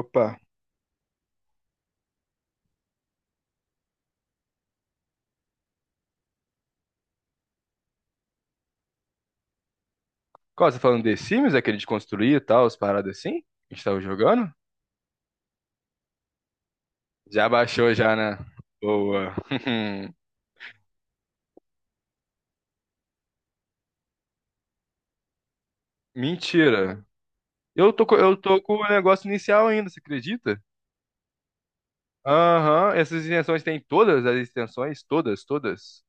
Opa. Qual, você tá falando de Sims, aquele de construir e tal, as paradas assim? A gente tava jogando? Já baixou já, né? Boa. Mentira. Eu tô com o negócio inicial ainda, você acredita? Aham, essas extensões tem todas as extensões? Todas, todas?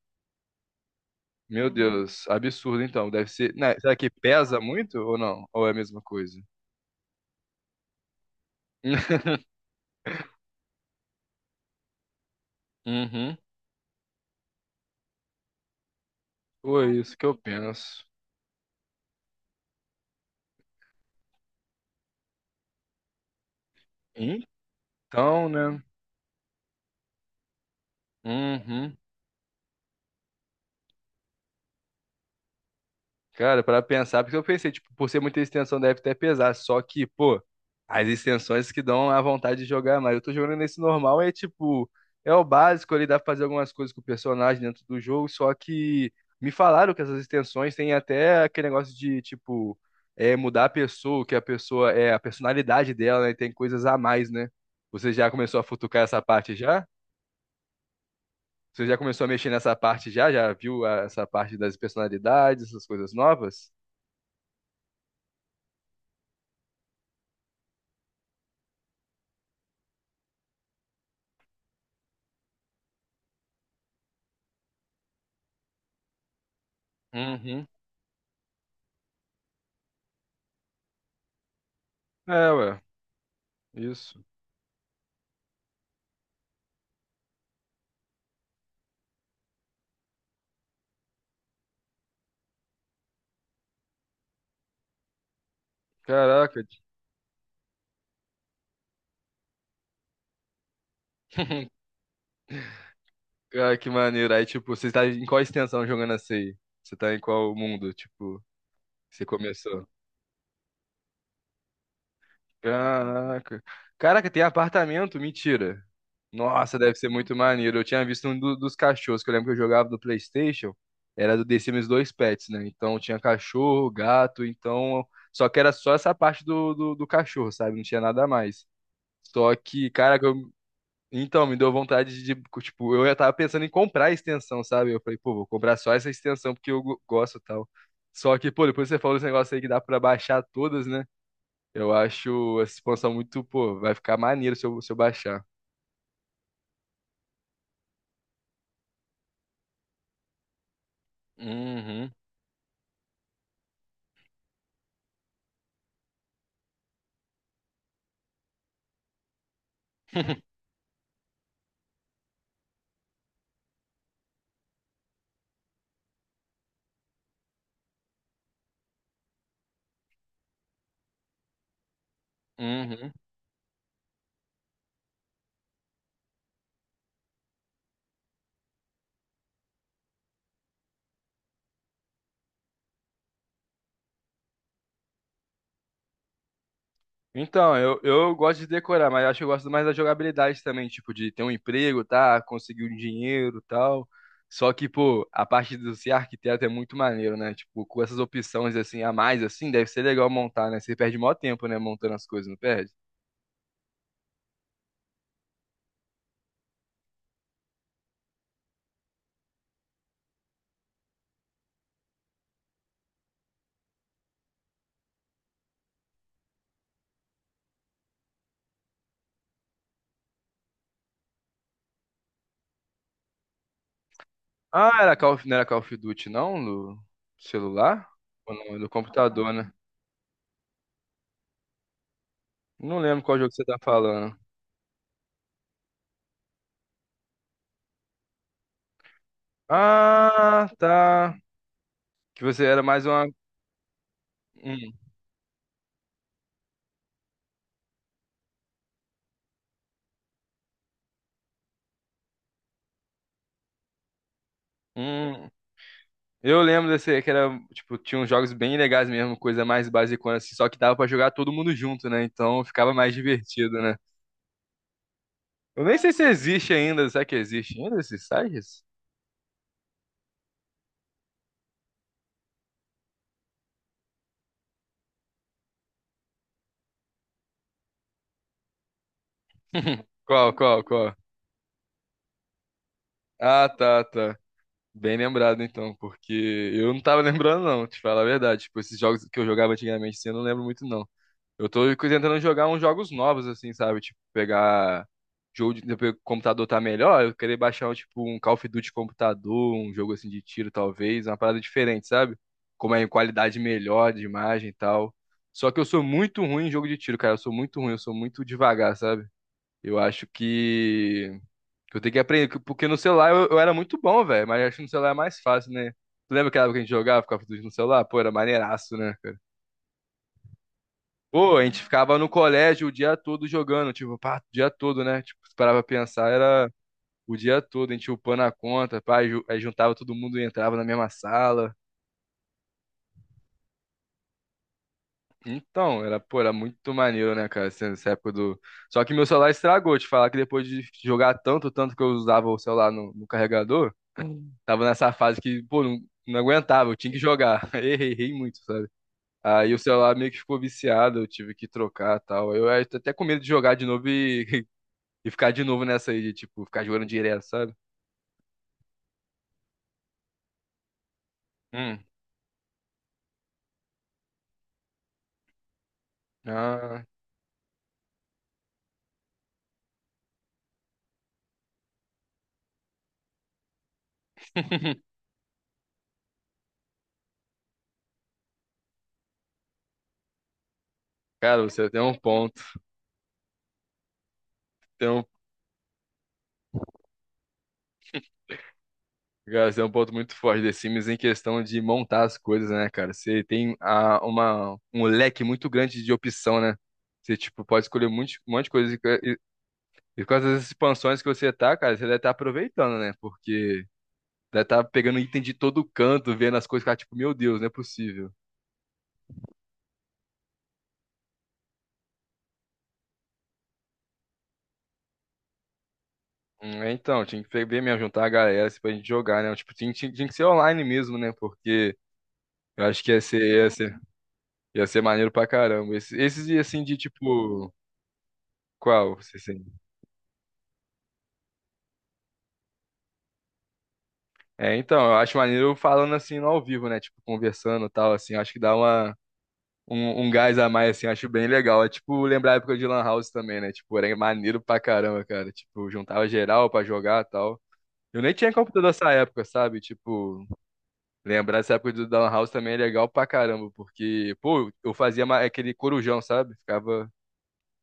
Meu Deus, absurdo então. Deve ser. Né, será que pesa muito ou não? Ou é a mesma coisa? Uhum. Foi isso que eu penso. Então, né? Uhum. Cara, para pensar, porque eu pensei, tipo, por ser muita extensão deve até pesar, só que, pô, as extensões que dão a vontade de jogar mais. Eu tô jogando nesse normal, é tipo, é o básico ali, dá pra fazer algumas coisas com o personagem dentro do jogo, só que me falaram que essas extensões têm até aquele negócio de, tipo, é, mudar a pessoa, que a pessoa, é, a personalidade dela, né, tem coisas a mais, né? Você já começou a futucar essa parte já? Você já começou a mexer nessa parte já? Já viu ah, essa parte das personalidades, essas coisas novas? Uhum. É, ué. Isso. Caraca. Cara, que maneiro. Aí, tipo, você tá em qual extensão jogando essa aí? Você tá em qual mundo, tipo, que você começou? Caraca. Caraca, tem apartamento? Mentira. Nossa, deve ser muito maneiro. Eu tinha visto um dos cachorros, que eu lembro que eu jogava do PlayStation. Era do The Sims 2 Pets, né? Então tinha cachorro, gato, então. Só que era só essa parte do cachorro, sabe? Não tinha nada mais. Só que, cara, então, me deu vontade de, tipo, eu já tava pensando em comprar a extensão, sabe? Eu falei, pô, vou comprar só essa extensão porque eu gosto e tal. Só que, pô, depois você falou esse negócio aí que dá pra baixar todas, né? Eu acho essa expansão muito, pô, vai ficar maneiro se eu, se eu baixar. Uhum. Uhum. Então, eu gosto de decorar, mas acho que eu gosto mais da jogabilidade também, tipo, de ter um emprego, tá? Conseguir um dinheiro e tal. Só que, pô, a parte do ser arquiteto é muito maneiro, né? Tipo, com essas opções assim a mais, assim, deve ser legal montar, né? Você perde maior tempo, né? Montando as coisas, não perde? Ah, era não era Call of Duty, não? No celular? Ou não, é do computador, né? Não lembro qual jogo você tá falando. Ah, tá. Que você era mais uma. Hum, hum, Eu lembro desse, que era, tipo, tinha uns jogos bem legais mesmo, coisa mais basicona, assim, só que dava pra jogar todo mundo junto, né? Então ficava mais divertido, né? Eu nem sei se existe ainda, será que existe ainda esses sites? Qual? Ah, tá, tá. Bem lembrado então, porque eu não tava lembrando não, te falar a verdade. Tipo, esses jogos que eu jogava antigamente, assim, eu não lembro muito não. Eu tô tentando jogar uns jogos novos, assim, sabe? Tipo, pegar jogo de depois que o computador tá melhor, eu querer baixar, tipo, um Call of Duty computador, um jogo assim de tiro, talvez, uma parada diferente, sabe? Como é em qualidade melhor de imagem e tal. Só que eu sou muito ruim em jogo de tiro, cara. Eu sou muito ruim, eu sou muito devagar, sabe? Eu acho que eu tenho que aprender, porque no celular eu era muito bom, velho, mas acho que no celular é mais fácil, né? Tu lembra aquela época que a gente jogava Call of Duty no celular? Pô, era maneiraço, né? Pô, a gente ficava no colégio o dia todo jogando, tipo, pá, o dia todo, né? Tipo, se parava pra pensar, era o dia todo, a gente upando a conta, pá, aí juntava todo mundo e entrava na mesma sala. Então, era, pô, era muito maneiro, né, cara, essa essa época do... Só que meu celular estragou, te falar que depois de jogar tanto, tanto que eu usava o celular no, no carregador, tava nessa fase que, pô, não, não aguentava, eu tinha que jogar. Errei, errei muito, sabe? Aí o celular meio que ficou viciado, eu tive que trocar e tal. Eu tô até com medo de jogar de novo e ficar de novo nessa aí de, tipo, ficar jogando direto, sabe? Hum. Ah, cara, você tem um ponto. Tem um, cara, você tem um ponto muito forte The Sims em questão de montar as coisas, né, cara? Você tem a, uma, um leque muito grande de opção, né? Você, tipo, pode escolher muito, um monte de coisa. E com essas expansões que você tá, cara, você deve estar aproveitando, né? Porque deve estar pegando item de todo canto, vendo as coisas, cara, tipo, meu Deus, não é possível. É, então, tinha que ver mesmo, juntar a galera assim, pra gente jogar, né? Tipo, tinha que ser online mesmo, né? Porque eu acho que ia ser, ia ser maneiro pra caramba. Esses, e assim de tipo. Qual? Você assim? É, então, eu acho maneiro falando assim no ao vivo, né? Tipo, conversando e tal, assim. Acho que dá uma, um gás a mais, assim. Acho bem legal. É tipo lembrar a época de Lan House também, né? Tipo, era maneiro pra caramba, cara. Tipo, juntava geral pra jogar e tal. Eu nem tinha computador nessa época, sabe? Tipo, lembrar essa época do Down House também é legal pra caramba, porque, pô, eu fazia aquele corujão, sabe? Ficava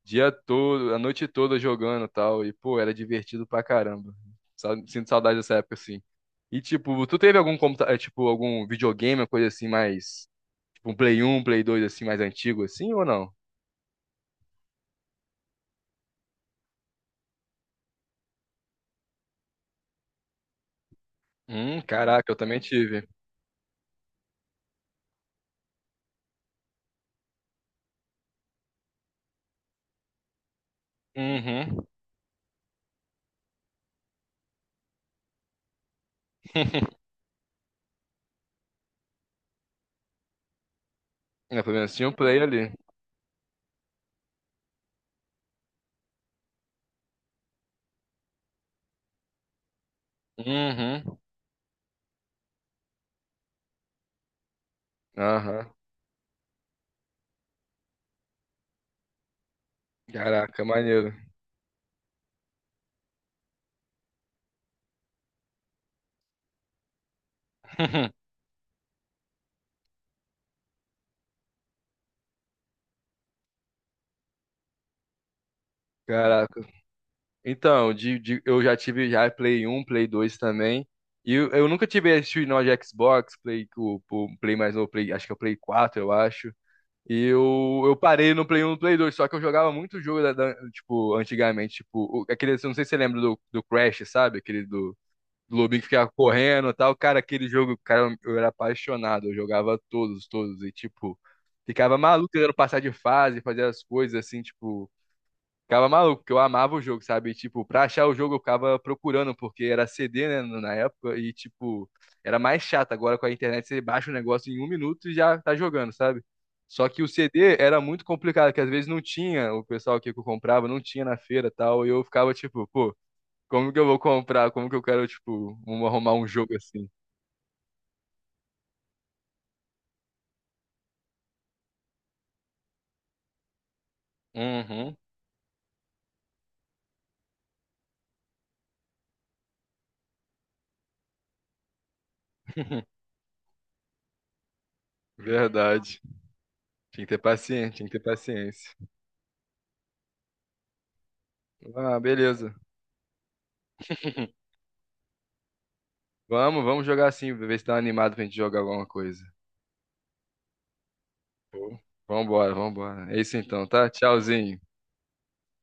dia todo, a noite toda jogando e tal, e, pô, era divertido pra caramba. Sinto saudade dessa época, assim. E, tipo, tu teve algum computador, tipo, algum videogame, uma coisa assim, mais, tipo, um Play dois assim, mais antigo, assim, ou não? Caraca, eu também tive. Uhum. É, pelo menos tinha um Play ali. Uhum. Aham. Caraca, maneiro. Caraca. Então, eu já tive já Play um Play 2 também. E eu nunca tive esse nó de Xbox, Play, o Play mais novo, Play, acho que é o Play 4 eu acho. E eu parei no Play um e no Play 2 só que eu jogava muito jogo tipo, antigamente, tipo, aquele, não sei se você lembra do, do Crash, sabe? Aquele do, do lobinho que ficava correndo e tal. Cara, aquele jogo, cara, eu era apaixonado, eu jogava todos, todos, e tipo, ficava maluco tentando passar de fase, fazer as coisas assim, tipo. Ficava maluco, porque eu amava o jogo, sabe? E, tipo, pra achar o jogo eu ficava procurando, porque era CD, né, na época, e, tipo, era mais chato. Agora com a internet você baixa o negócio em 1 minuto e já tá jogando, sabe? Só que o CD era muito complicado, que às vezes não tinha, o pessoal aqui que eu comprava não tinha na feira e tal, e eu ficava tipo, pô, como que eu vou comprar? Como que eu quero, tipo, arrumar um jogo assim? Uhum. Verdade. Tinha que ter paciência, tinha que ter paciência. Ah, beleza. Vamos, vamos jogar assim, ver se tá animado pra gente jogar alguma coisa. Show. Vambora, vambora. É isso então, tá? Tchauzinho.